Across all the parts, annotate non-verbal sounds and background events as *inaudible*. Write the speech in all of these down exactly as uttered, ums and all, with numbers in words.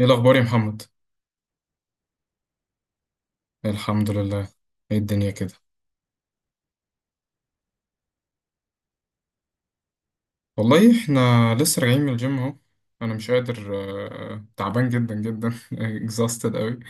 ايه الاخبار يا محمد؟ الحمد لله. ايه الدنيا كده؟ والله احنا لسه راجعين من الجيم اهو. انا مش قادر. آه، تعبان جدا جدا. *laughs* exhausted قوي.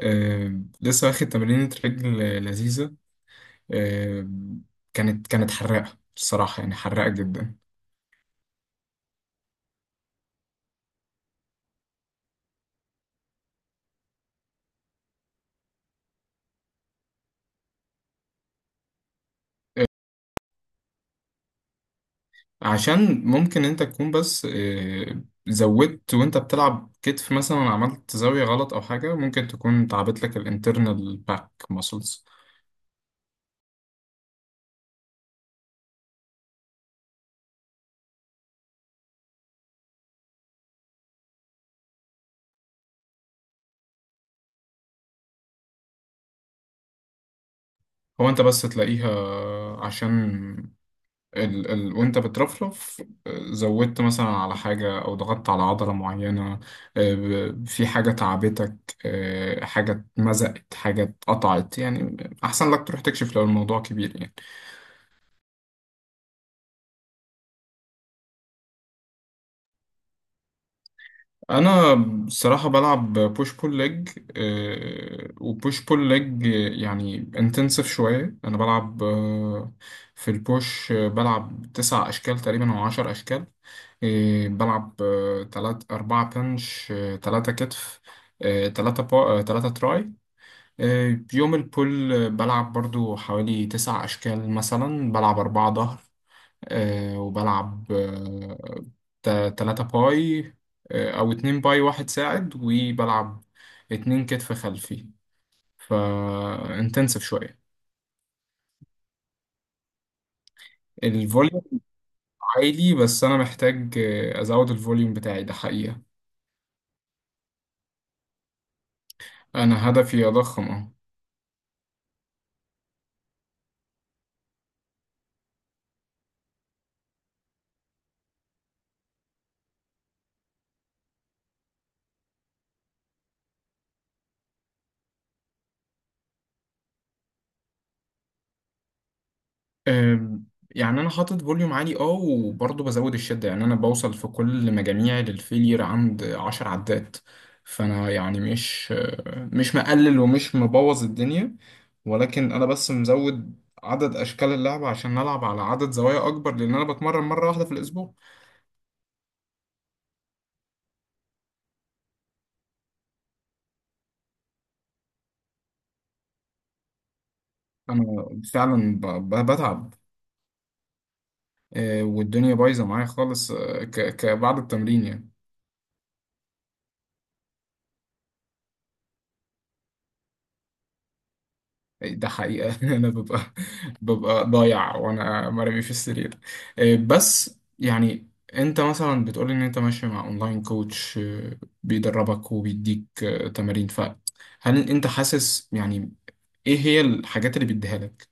آه، لسه واخد تمرينة رجل لذيذة. آه، كانت كانت حراقة بصراحة، يعني حراقة جدا. عشان ممكن انت تكون بس آه، زودت وانت بتلعب كتف مثلا، عملت زاوية غلط او حاجة، ممكن تكون تعبت لك الانترنال باك muscles. هو انت بس تلاقيها عشان ال ال وانت بترفرف آه، زودت مثلا على حاجة او ضغطت على عضلة معينة. آه، ب- في حاجة تعبتك. آه، حاجة اتمزقت حاجة اتقطعت يعني. احسن لك تروح تكشف لو الموضوع كبير يعني. انا بصراحه بلعب بوش بول ليج، وبوش بول ليج يعني انتنسيف شويه. انا بلعب آه، في البوش آه، بلعب تسع اشكال تقريبا او عشر اشكال. آه، بلعب آه، تلات أربعة بنش، آه، تلاتة كتف، آه، تلاتة با... آه، تلاتة تراي. آه، يوم البول آه، بلعب برضو حوالي تسع أشكال، مثلا بلعب أربعة ظهر، آه، وبلعب آه، تا- تلاتة باي، آه، أو اتنين باي واحد ساعد، وبلعب اتنين كتف خلفي. فانتنسف شوية. الفوليوم عالي، بس أنا محتاج آه، أزود الفوليوم بتاعي ده حقيقة. أنا هدفي أضخم أهو. أم، يعني انا حاطط فوليوم عالي اه، وبرضه بزود الشده. يعني انا بوصل في كل مجاميعي للفيلير عند عشر عدات. فانا يعني مش مش مقلل ومش مبوظ الدنيا، ولكن انا بس مزود عدد اشكال اللعبه عشان نلعب على عدد زوايا اكبر، لان انا بتمرن مره واحده في الاسبوع. انا فعلا ب- ب- بتعب. أه، والدنيا بايظه معايا خالص. أه، ك- ك- بعد التمرين يعني. ده حقيقة. *laughs* أنا ببقى ببقى ضايع وأنا مرمي في السرير. إيه، بس يعني أنت مثلا بتقول إن أنت ماشي مع أونلاين كوتش، إيه، بيدربك وبيديك إيه، تمارين. فهل أنت حاسس يعني إيه هي الحاجات اللي بيديها لك؟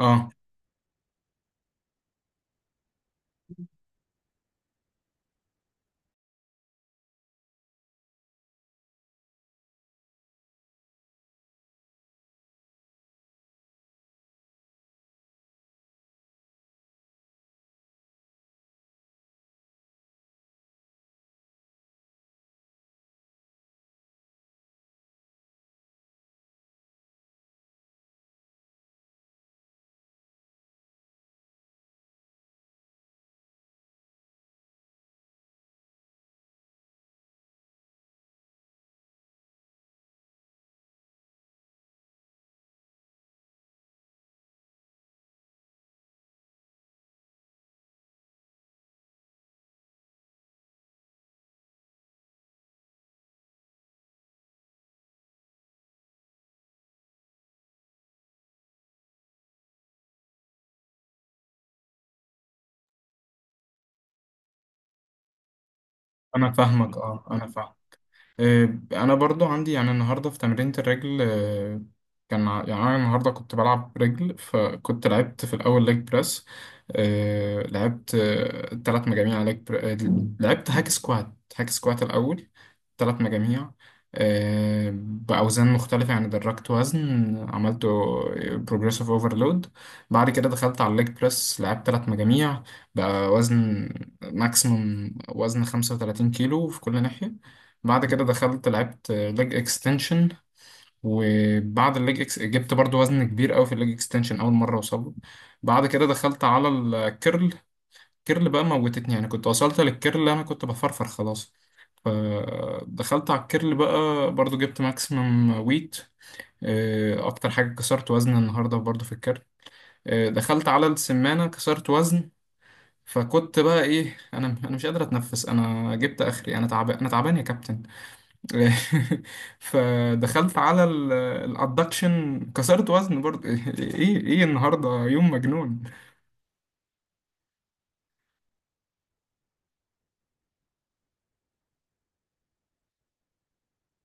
أه أنا فاهمك. أه أنا فاهم. آه، انا برضو عندي يعني النهارده في تمرينة الرجل. آه، كان ع- يعني انا النهارده كنت بلعب رجل، فكنت لعبت في الاول ليج بريس. آه، لعبت آه، تلات مجاميع ليج بر... آه، لعبت هاك سكوات، هاك سكوات الاول تلات مجاميع آه، باوزان مختلفه. يعني درجت وزن، عملته بروجريسيف اوفرلود. بعد كده دخلت على الليج بريس، لعبت تلات مجاميع بقى وزن ماكسيموم، وزن 35 كيلو في كل ناحيه. بعد كده دخلت لعبت ليج اكستنشن، وبعد الليج اكس جبت برضو وزن كبير قوي في الليج اكستنشن، اول مره اوصله. بعد كده دخلت على الكيرل. كيرل بقى موتتني يعني، كنت وصلت للكيرل انا كنت بفرفر خلاص. فدخلت على الكيرل بقى برضو جبت ماكسيمم ويت. آه، اكتر حاجه كسرت وزن النهارده برضو في الكيرل. آه، دخلت على السمانه كسرت وزن. فكنت بقى ايه، انا انا مش قادر اتنفس، انا جبت اخري، انا تعبان انا تعبان يا كابتن. *laughs* فدخلت على الادكشن كسرت وزن برضه. *laughs* ايه ايه النهارده يوم مجنون.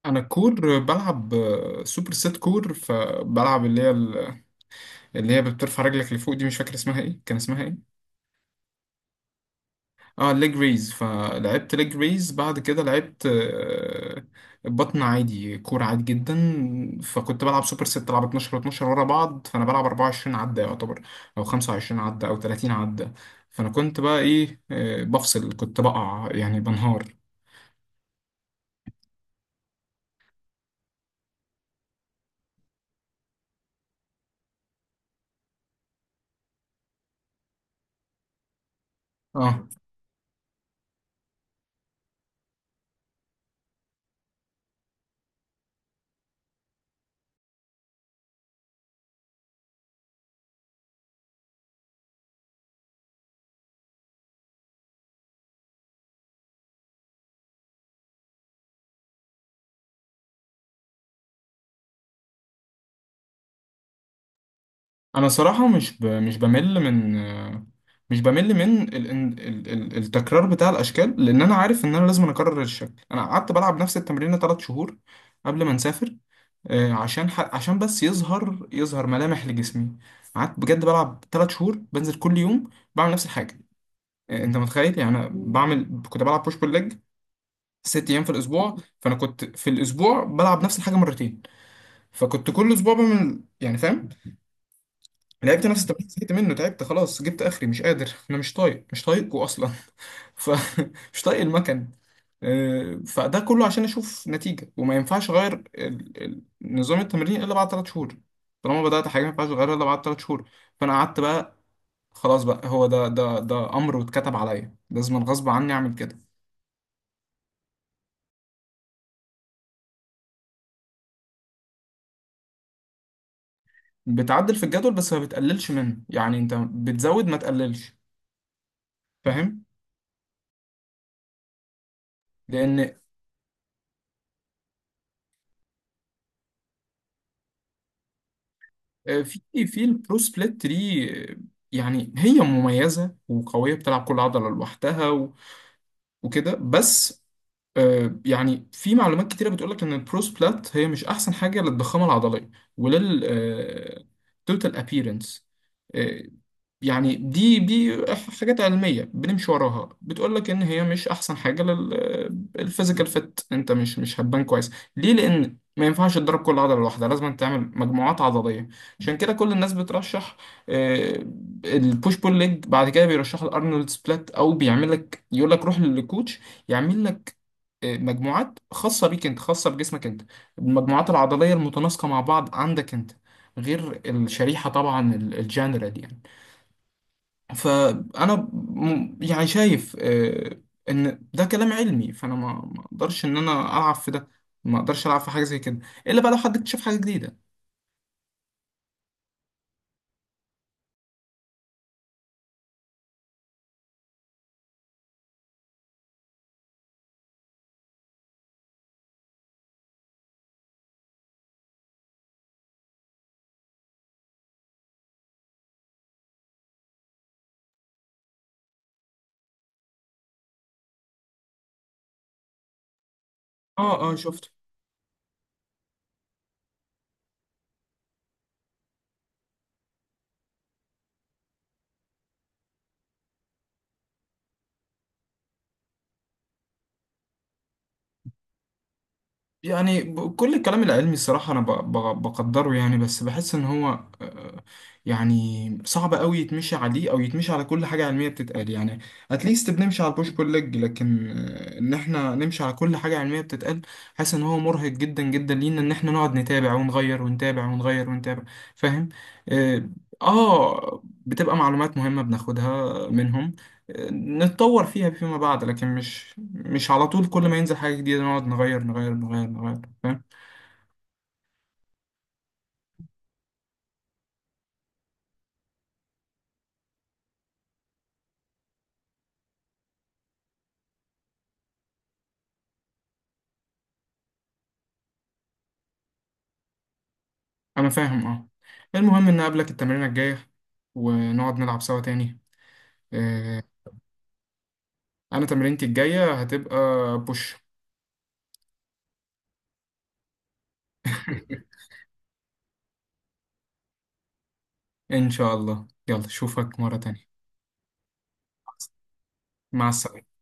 انا كور بلعب سوبر سيت كور، فبلعب اللي هي اللي هي بترفع رجلك لفوق دي، مش فاكر اسمها ايه، كان اسمها ايه. اه، ليج ريز. فلعبت ليج ريز، بعد كده لعبت آه، بطن عادي كورة عادي جدا. فكنت بلعب سوبر ست، بلعب اتناشر و12 ورا بعض، فانا بلعب أربعة وعشرين عدة يعتبر، او خمسة وعشرين عدة او تلاتين عدة. فانا كنت بقى ايه، آه، بفصل، كنت بقع يعني بنهار. اه انا صراحة مش ب... مش بمل من آه، مش بمل من ال... ال... ال... التكرار بتاع الاشكال، لان انا عارف ان انا لازم اكرر الشكل. انا قعدت بلعب نفس التمرين 3 شهور قبل ما نسافر، آه، عشان ح... عشان بس يظهر يظهر ملامح لجسمي. قعدت بجد بلعب ثلاث شهور، بنزل كل يوم بعمل نفس الحاجه. آه، انت متخيل يعني انا بعمل، كنت بلعب بوش بول ليج ست ايام في الاسبوع، فانا كنت في الاسبوع بلعب نفس الحاجه مرتين. فكنت كل اسبوع بعمل، يعني فاهم، لعبت نفس التمرين زهقت منه تعبت خلاص، جبت اخري مش قادر، انا مش طايق، مش طايقكم اصلا. *laughs* ف مش طايق المكن. آه، فده كله عشان اشوف نتيجه. وما ينفعش اغير ال- ال- نظام التمرين الا بعد ثلاث شهور. طالما بدات حاجه ما ينفعش اغيرها الا بعد ثلاث شهور. فانا قعدت بقى خلاص بقى، هو ده ده ده امر واتكتب عليا، لازم غصب عني اعمل كده. بتعدل في الجدول بس ما بتقللش منه، يعني انت بتزود ما تقللش، فاهم؟ لان آه، في في البرو سبليت دي آه، يعني هي مميزة وقوية، بتلعب كل عضلة لوحدها و- وكده بس. آه، يعني في معلومات كتيرة بتقولك إن البرو سبلات هي مش أحسن حاجة للضخامة العضلية ولل توتال أبيرنس. يعني دي دي حاجات علمية بنمشي وراها، بتقول لك ان هي مش احسن حاجة للفيزيكال فت، انت مش مش هتبان كويس. ليه؟ لان ما ينفعش تضرب كل عضلة لوحدها، لازم تعمل مجموعات عضلية. عشان كده كل الناس بترشح البوش بول ليج، بعد كده بيرشح الارنولد سبلات. او بيعمل لك، يقول لك روح للكوتش يعمل لك آه، مجموعات خاصة بيك انت، خاصة بجسمك انت، المجموعات العضلية المتناسقة مع بعض عندك انت، غير الشريحة طبعا الجنرال يعني. فانا م- يعني شايف آه، ان ده كلام علمي. فانا ما ما اقدرش ان انا العب في ده. ما اقدرش العب في حاجه زي كده، الا بقى لو حد اكتشف حاجه جديده. اه اه شفت. يعني ب- كل الكلام العلمي الصراحة أنا ب- ب- بقدره يعني، بس بحس إن هو آه، يعني صعب أوي يتمشي عليه، أو يتمشي على كل حاجة علمية بتتقال يعني. أتليست بنمشي على البوش بول ليج، لكن آه، إن إحنا نمشي على كل حاجة علمية بتتقال، حاسس إن هو مرهق جدا جدا لينا، إن إحنا نقعد نتابع ونغير ونتابع ونغير ونتابع، فاهم؟ آه. آه، بتبقى معلومات مهمة بناخدها منهم، نتطور فيها فيما بعد. لكن مش مش على طول كل ما ينزل حاجة جديدة نقعد نغير نغير نغير نغير، فاهم؟ أنا فاهم أه. المهم إن أقابلك التمرينة الجاية، ونقعد نلعب سوا تاني. آه، أنا تمرينتي الجاية هتبقى بوش. *laughs* إن شاء الله، يلا أشوفك مرة تانية. مع السلامة.